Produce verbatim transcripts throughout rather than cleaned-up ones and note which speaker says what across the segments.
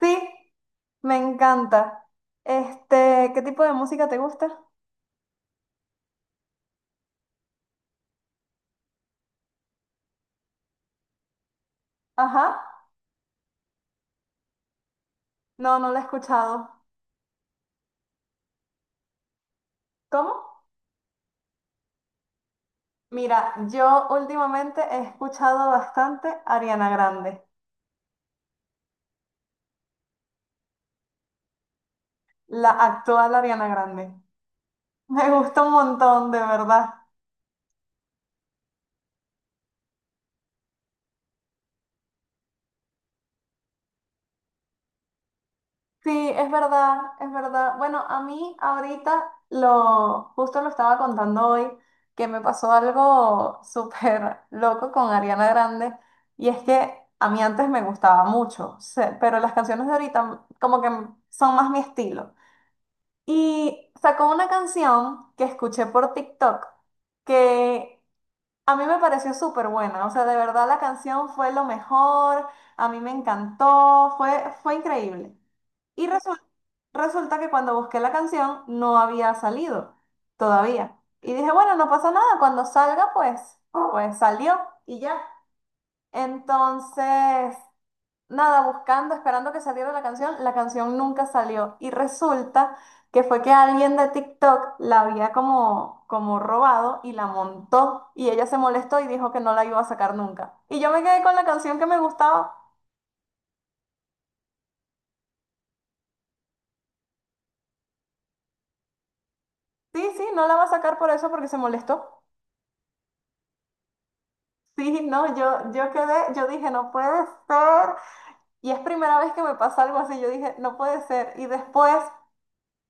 Speaker 1: Sí, me encanta. Este, ¿qué tipo de música te gusta? Ajá. No, no la he escuchado. ¿Cómo? Mira, yo últimamente he escuchado bastante Ariana Grande, la actual Ariana Grande. Me gusta un montón, de verdad. Sí, es verdad, es verdad. Bueno, a mí ahorita lo, justo lo estaba contando hoy, que me pasó algo súper loco con Ariana Grande, y es que a mí antes me gustaba mucho, se- pero las canciones de ahorita como que son más mi estilo. Y sacó una canción que escuché por TikTok, que a mí me pareció súper buena, o sea, de verdad la canción fue lo mejor, a mí me encantó, fue, fue increíble. Y resu- Resulta que cuando busqué la canción no había salido todavía. Y dije, bueno, no pasa nada, cuando salga, pues, pues salió y ya. Entonces, nada, buscando, esperando que saliera la canción, la canción nunca salió. Y resulta que fue que alguien de TikTok la había como, como robado y la montó. Y ella se molestó y dijo que no la iba a sacar nunca. Y yo me quedé con la canción que me gustaba. Sí, sí, no la va a sacar por eso porque se molestó. Sí, no, yo, yo quedé, yo dije, no puede ser. Y es primera vez que me pasa algo así, yo dije, no puede ser. Y después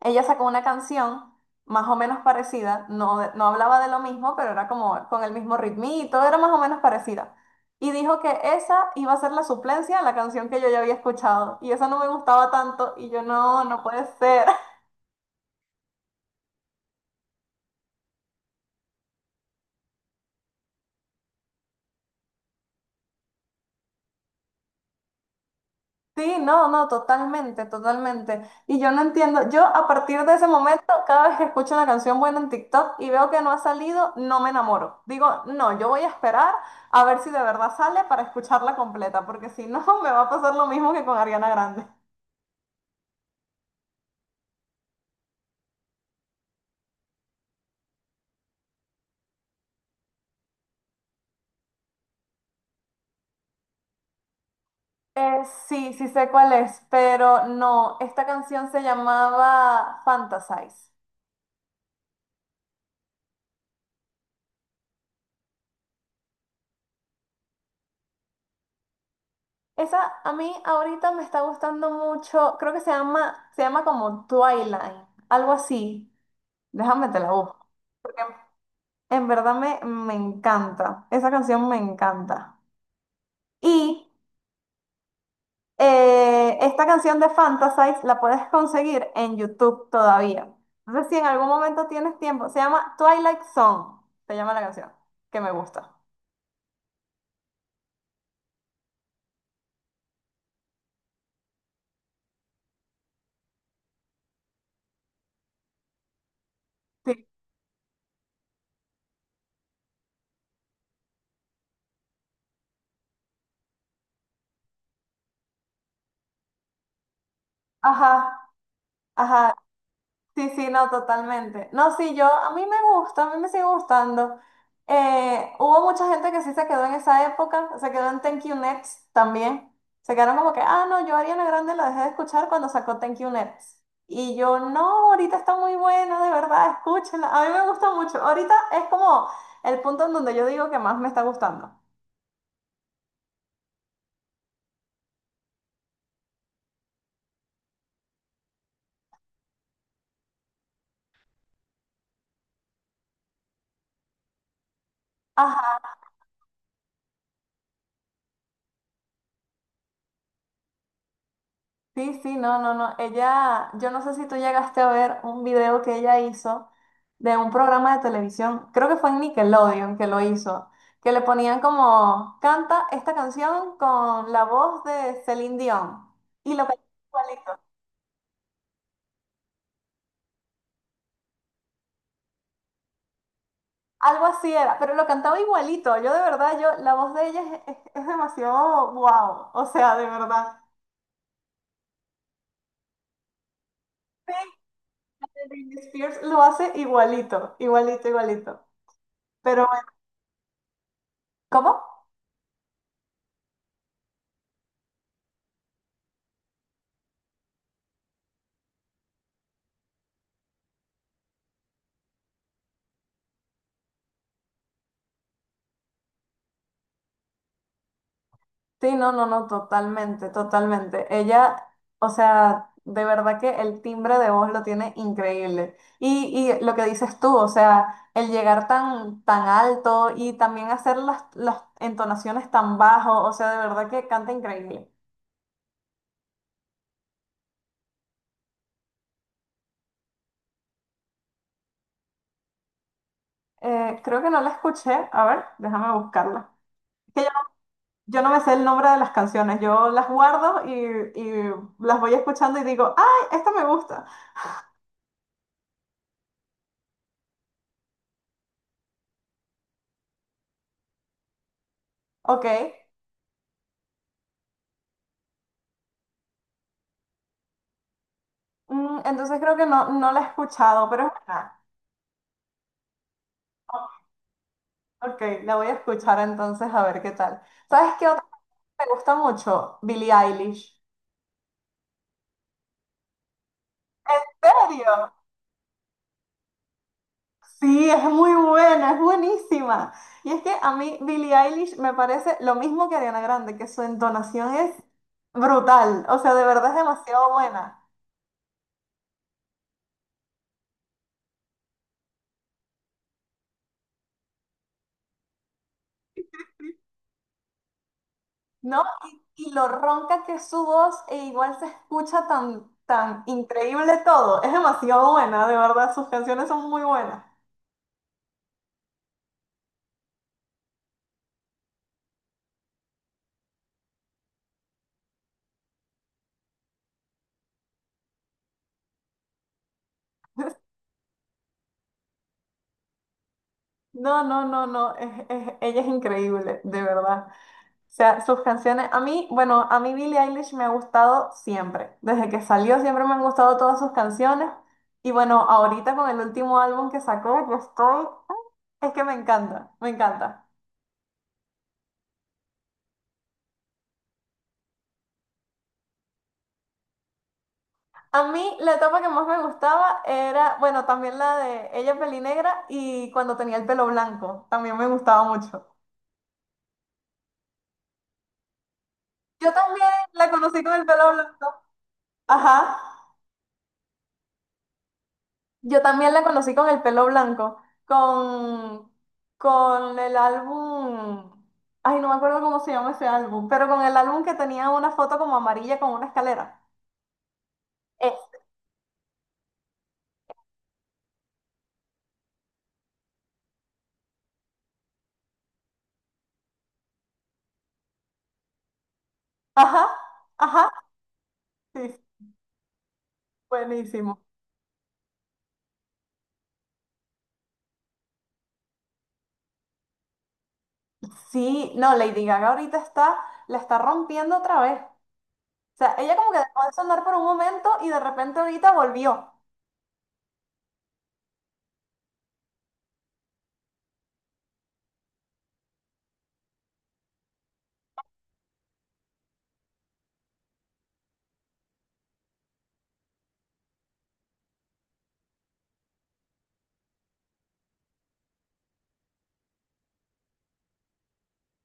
Speaker 1: ella sacó una canción más o menos parecida, no, de- no hablaba de lo mismo, pero era como con el mismo ritmito, era más o menos parecida. Y dijo que esa iba a ser la suplencia a la canción que yo ya había escuchado. Y esa no me gustaba tanto. Y yo, no, no puede ser. Sí, no, no, totalmente, totalmente. Y yo no entiendo, yo a partir de ese momento, cada vez que escucho una canción buena en TikTok y veo que no ha salido, no me enamoro. Digo, no, yo voy a esperar a ver si de verdad sale para escucharla completa, porque si no, me va a pasar lo mismo que con Ariana Grande. Eh, sí, sí sé cuál es, pero no, esta canción se llamaba Fantasize. Esa a mí ahorita me está gustando mucho, creo que se llama, se llama como Twilight, algo así. Déjame te la busco. Porque en verdad me, me encanta. Esa canción me encanta. Y eh, esta canción de Fantasize la puedes conseguir en YouTube todavía. Entonces, si en algún momento tienes tiempo, se llama Twilight Song, se llama la canción, que me gusta. Sí. Ajá, ajá. Sí, sí, no, totalmente. No, sí, yo, a mí me gusta, a mí me sigue gustando. Eh, hubo mucha gente que sí se quedó en esa época, se quedó en Thank You Next también. Se quedaron como que, ah, no, yo Ariana Grande la dejé de escuchar cuando sacó Thank You Next. Y yo, no, ahorita está muy buena, de verdad, escúchenla. A mí me gusta mucho. Ahorita es como el punto en donde yo digo que más me está gustando. Sí, sí, no, no, no. Ella, yo no sé si tú llegaste a ver un video que ella hizo de un programa de televisión, creo que fue en Nickelodeon que lo hizo, que le ponían como, canta esta canción con la voz de Celine Dion. Y lo cantaba igualito. Algo así era, pero lo cantaba igualito. Yo de verdad, yo, la voz de ella es, es- es demasiado wow. O sea, de verdad. Sí, Britney Spears lo hace igualito, igualito, igualito. Pero, bueno, ¿cómo? Sí, no, no, no, totalmente, totalmente. Ella, o sea, de verdad que el timbre de voz lo tiene increíble. Y, y lo que dices tú, o sea, el llegar tan, tan alto y también hacer las, las entonaciones tan bajo, o sea, de verdad que canta increíble. Eh, creo que no la escuché, a ver, déjame buscarla. Que yo, yo no me sé el nombre de las canciones, yo las guardo y, y las voy escuchando y digo, ¡ay, esta me gusta! Ok. Mm, entonces creo que no, no la he escuchado, pero es buena. Ok, la voy a escuchar entonces a ver qué tal. ¿Sabes qué otra me gusta mucho? Billie Eilish. ¿En serio? Sí, es muy buena, es buenísima. Y es que a mí Billie Eilish me parece lo mismo que Ariana Grande, que su entonación es brutal, o sea, de verdad es demasiado buena, ¿no? Y, y lo ronca que es su voz e igual se escucha tan, tan increíble todo. Es demasiado buena, de verdad, sus canciones son muy buenas. No, no, no, no, es- es- ella es increíble, de verdad. O sea, sus canciones, a mí, bueno, a mí Billie Eilish me ha gustado siempre. Desde que salió siempre me han gustado todas sus canciones. Y bueno, ahorita con el último álbum que sacó, yo estoy... Es que me encanta, me encanta. A mí la etapa que más me gustaba era, bueno, también la de ella pelinegra y cuando tenía el pelo blanco, también me gustaba mucho. Yo también la conocí con el pelo blanco. Ajá. Yo también la conocí con el pelo blanco, con, con el álbum, ay, no me acuerdo cómo se llama ese álbum, pero con el álbum que tenía una foto como amarilla con una escalera. Este. Ajá, ajá, sí, buenísimo. Sí, no, Lady Gaga ahorita está, la está rompiendo otra vez. O sea, ella como que dejó de sonar por un momento y de repente ahorita volvió.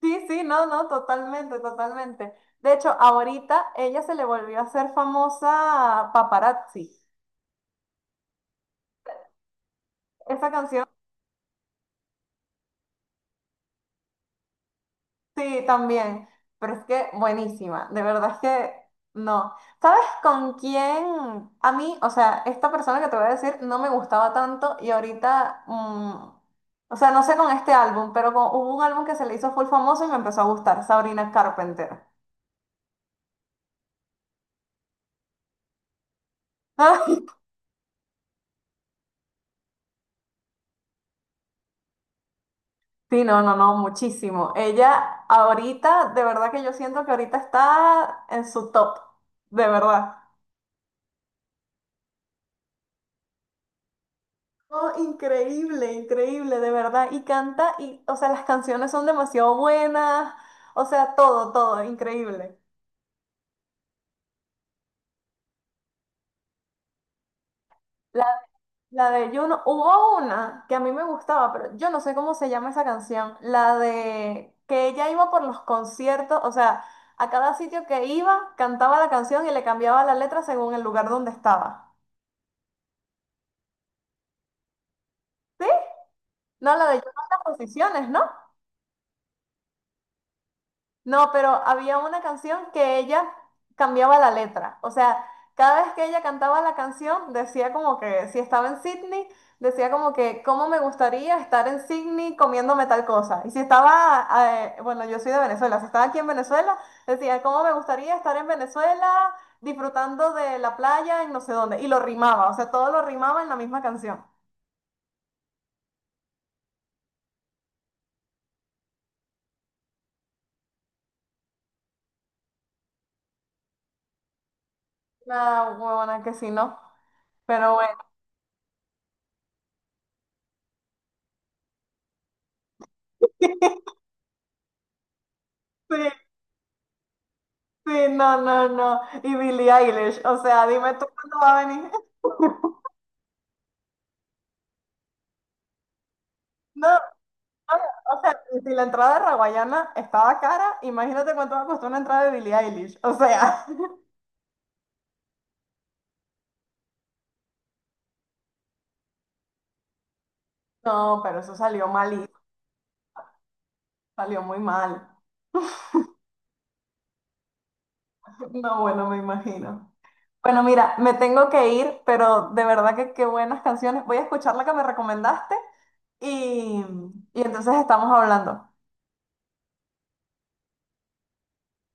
Speaker 1: Sí, sí, no, no, totalmente, totalmente. De hecho, ahorita ella se le volvió a hacer famosa Paparazzi. Esa canción, sí, también, pero es que buenísima, de verdad es que no. ¿Sabes con quién? A mí, o sea, esta persona que te voy a decir no me gustaba tanto y ahorita, mm, o sea, no sé con este álbum, pero con- hubo un álbum que se le hizo full famoso y me empezó a gustar, Sabrina Carpenter. Sí, no, no, no, muchísimo. Ella ahorita, de verdad que yo siento que ahorita está en su top, de verdad. Oh, increíble, increíble, de verdad. Y canta, y, o sea, las canciones son demasiado buenas. O sea, todo, todo, increíble. La, la de Juno, hubo una que a mí me gustaba, pero yo no sé cómo se llama esa canción. La de que ella iba por los conciertos, o sea, a cada sitio que iba, cantaba la canción y le cambiaba la letra según el lugar donde estaba. ¿Sí? No, la de Juno en las posiciones, ¿no? No, pero había una canción que ella cambiaba la letra. O sea, cada vez que ella cantaba la canción, decía como que si estaba en Sydney, decía como que cómo me gustaría estar en Sydney comiéndome tal cosa. Y si estaba, eh, bueno, yo soy de Venezuela, si estaba aquí en Venezuela, decía cómo me gustaría estar en Venezuela disfrutando de la playa en no sé dónde. Y lo rimaba, o sea, todo lo rimaba en la misma canción. Una huevona que sí, ¿no? Pero bueno. Sí, sí, no, no, no. Y Billie Eilish, o sea, dime tú cuándo va a venir. No, no, o sea, si la entrada de Raguayana estaba cara, imagínate cuánto me costó una entrada de Billie Eilish. O sea, no, pero eso salió malísimo, salió muy mal. No, bueno, me imagino. Bueno, mira, me tengo que ir, pero de verdad que qué buenas canciones. Voy a escuchar la que me recomendaste y, y entonces estamos hablando.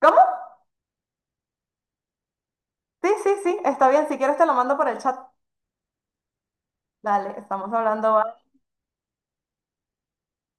Speaker 1: ¿Cómo? Sí, sí, sí, está bien. Si quieres te lo mando por el chat. Dale, estamos hablando.